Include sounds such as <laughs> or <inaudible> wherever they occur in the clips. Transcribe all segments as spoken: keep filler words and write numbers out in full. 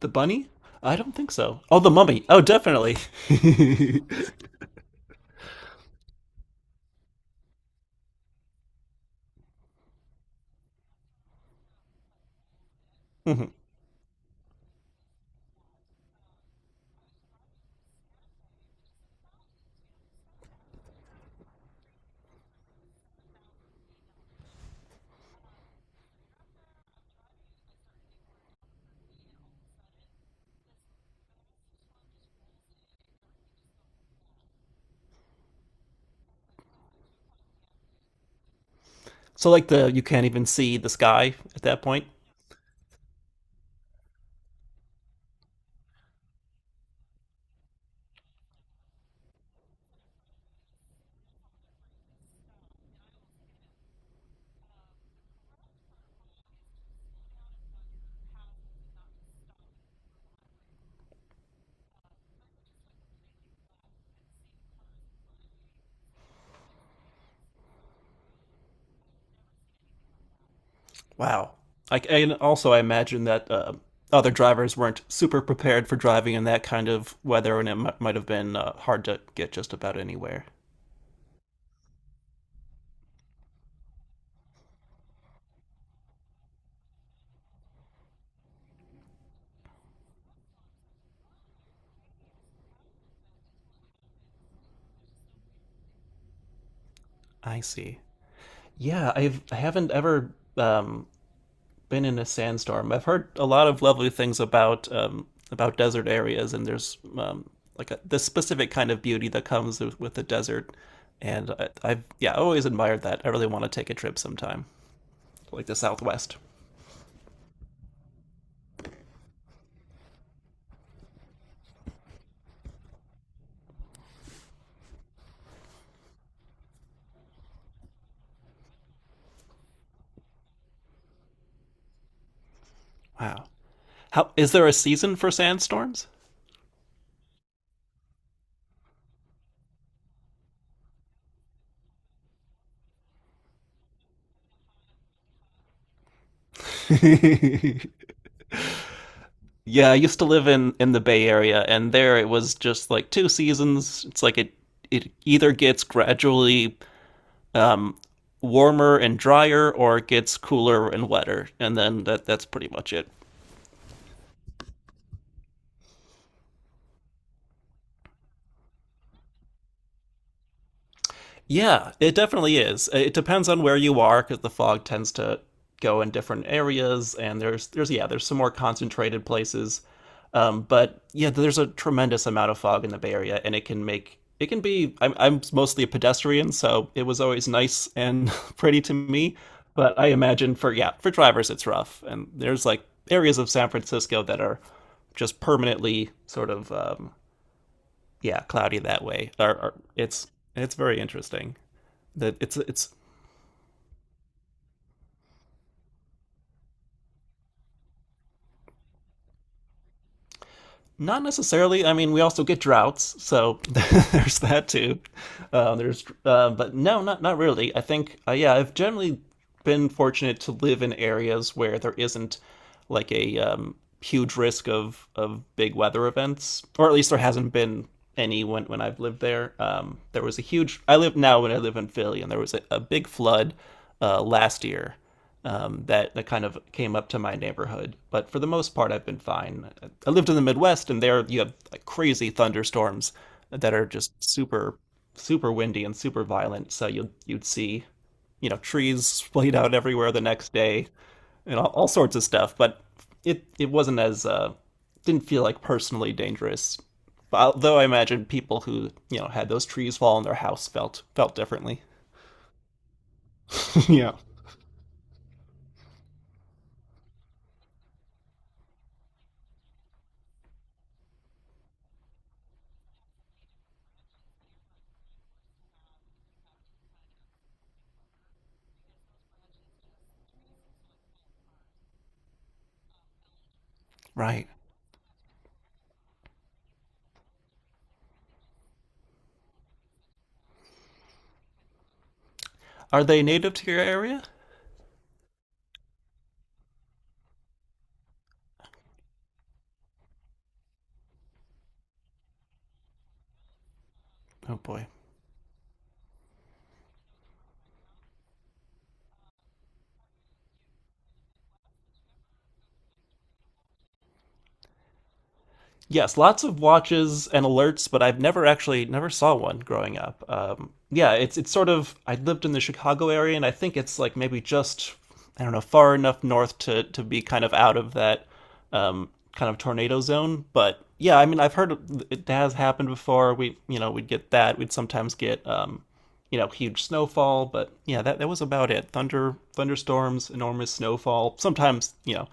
The bunny? I don't think so. Oh, the mummy. Oh, definitely. <laughs> Mhm. So like the you can't even see the sky at that point. Wow. Like and also I imagine that uh, other drivers weren't super prepared for driving in that kind of weather, and it m- might have been uh, hard to get just about anywhere. I see. Yeah, I've I haven't ever um, been in a sandstorm. I've heard a lot of lovely things about um, about desert areas, and there's um, like a, this specific kind of beauty that comes with, with the desert. And I, I've yeah, I always admired that. I really want to take a trip sometime, like the Southwest. Wow, how is there a season for sandstorms? <laughs> Yeah, I used to live in in the Bay Area, and there it was just like two seasons. It's like it it either gets gradually um, warmer and drier or it gets cooler and wetter. And then that that's pretty much it. Yeah, it definitely is. Uh, It depends on where you are because the fog tends to go in different areas, and there's there's yeah there's some more concentrated places, um, but yeah there's a tremendous amount of fog in the Bay Area, and it can make it can be. I'm I'm mostly a pedestrian, so it was always nice and <laughs> pretty to me, but I imagine for yeah for drivers it's rough, and there's like areas of San Francisco that are just permanently sort of um, yeah cloudy that way. Or, or it's it's very interesting that it's it's not necessarily. I mean, we also get droughts, so <laughs> there's that too. Uh, there's, uh, but no, not not really. I think, uh, yeah, I've generally been fortunate to live in areas where there isn't like a um, huge risk of of big weather events, or at least there hasn't been any when when I've lived there. Um, there was a huge. I live now when I live in Philly, and there was a, a big flood uh, last year um, that that kind of came up to my neighborhood. But for the most part, I've been fine. I lived in the Midwest, and there you have like crazy thunderstorms that are just super, super windy and super violent. So you'd you'd see, you know, trees splayed out everywhere the next day, and all, all sorts of stuff. But it it wasn't as uh, didn't feel like personally dangerous. Although I imagine people who you know had those trees fall on their house felt felt differently. Right? Are they native to your area? Oh boy. Yes, lots of watches and alerts, but I've never actually never saw one growing up. Um, yeah, it's it's sort of I lived in the Chicago area, and I think it's like maybe just I don't know far enough north to to be kind of out of that um, kind of tornado zone. But yeah, I mean I've heard it has happened before. We you know we'd get that. We'd sometimes get um, you know huge snowfall, but yeah, that that was about it. Thunder, thunderstorms, enormous snowfall. Sometimes you know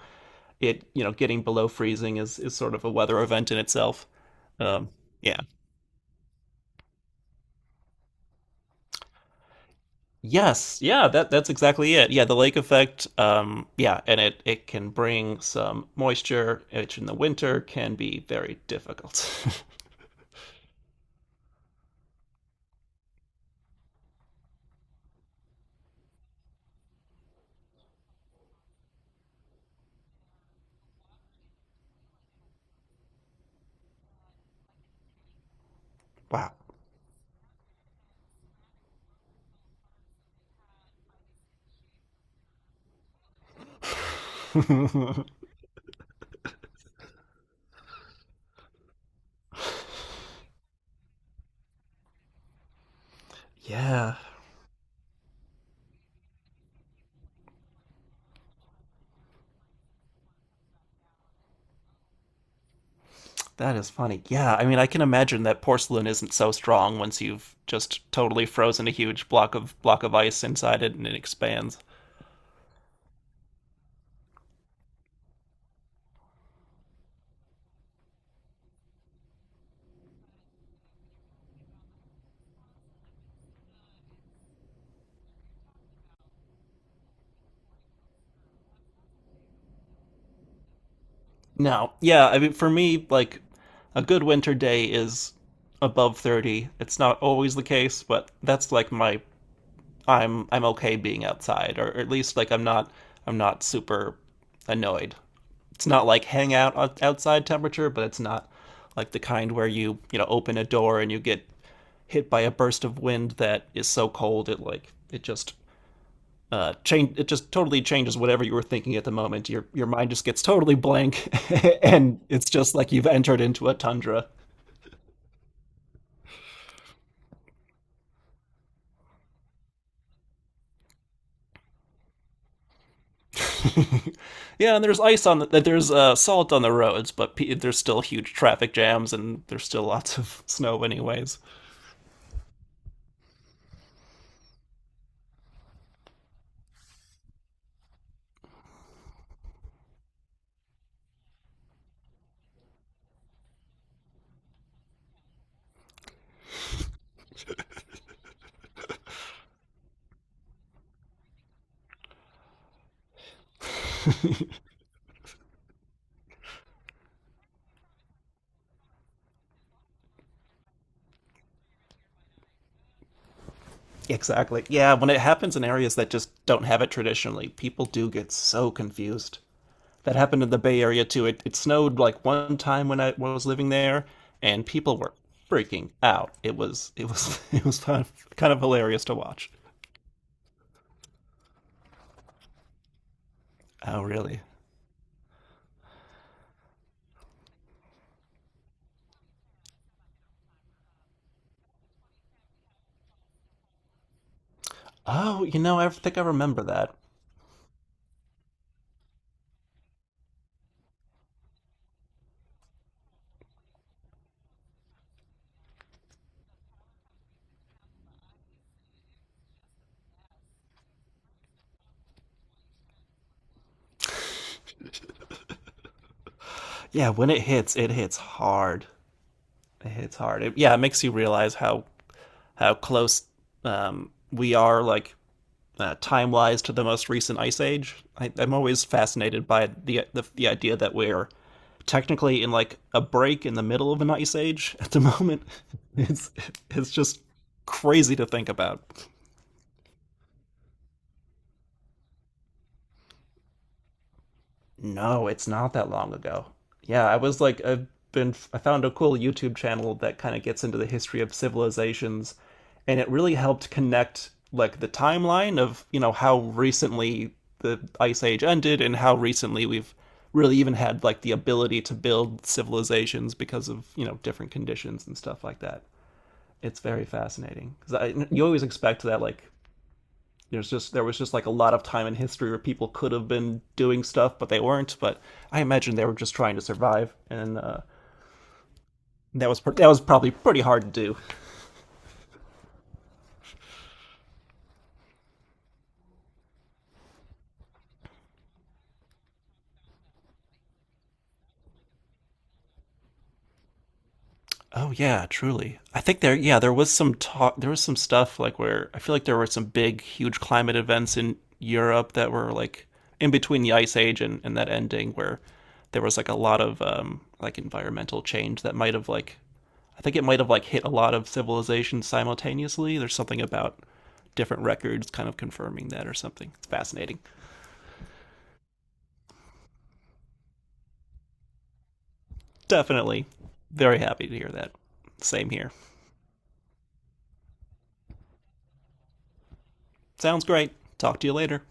it you know getting below freezing is is sort of a weather event in itself. Um, yeah. Yes. Yeah. That that's exactly it. Yeah. The lake effect. Um, yeah, and it it can bring some moisture, which in the winter can be very difficult. <laughs> Wow. <laughs> Yeah. That is funny. Yeah, I mean, I can imagine that porcelain isn't so strong once you've just totally frozen a huge block of block of ice inside it and it expands. No. Yeah, I mean for me like a good winter day is above thirty. It's not always the case, but that's like my I'm I'm okay being outside or at least like I'm not I'm not super annoyed. It's not like hang out o- outside temperature, but it's not like the kind where you, you know, open a door and you get hit by a burst of wind that is so cold it like it just uh, change it just totally changes whatever you were thinking at the moment. Your your mind just gets totally blank, <laughs> and it's just like you've entered into a tundra. Yeah, and there's ice on the, there's uh, salt on the roads, but pe- there's still huge traffic jams, and there's still <laughs> lots of snow, anyways. Exactly. Yeah, when it happens in areas that just don't have it traditionally, people do get so confused. That happened in the Bay Area too. It, it snowed like one time when I was living there, and people were freaking out. It was it was <laughs> it was kind of, kind of hilarious to watch. Oh really? Oh, you know, I think I remember that. Yeah, when it hits, it hits hard. It hits hard. It, yeah, it makes you realize how how close um, we are, like uh, time wise, to the most recent ice age. I, I'm always fascinated by the, the the idea that we're technically in like a break in the middle of an ice age at the <laughs> moment. It's it's just crazy to think about. No, it's not that long ago. Yeah, I was like I've been I found a cool YouTube channel that kind of gets into the history of civilizations and it really helped connect like the timeline of, you know, how recently the ice age ended and how recently we've really even had like the ability to build civilizations because of, you know, different conditions and stuff like that. It's very fascinating because you always expect that like there's just there was just like a lot of time in history where people could have been doing stuff but they weren't. But I imagine they were just trying to survive, and uh, that was pr- that was probably pretty hard to do. Oh yeah, truly. I think there yeah there was some talk there was some stuff like where I feel like there were some big huge climate events in Europe that were like in between the ice age and, and that ending where there was like a lot of um, like environmental change that might have like I think it might have like hit a lot of civilizations simultaneously. There's something about different records kind of confirming that or something. It's fascinating. Definitely very happy to hear that. Same here. Sounds great. Talk to you later.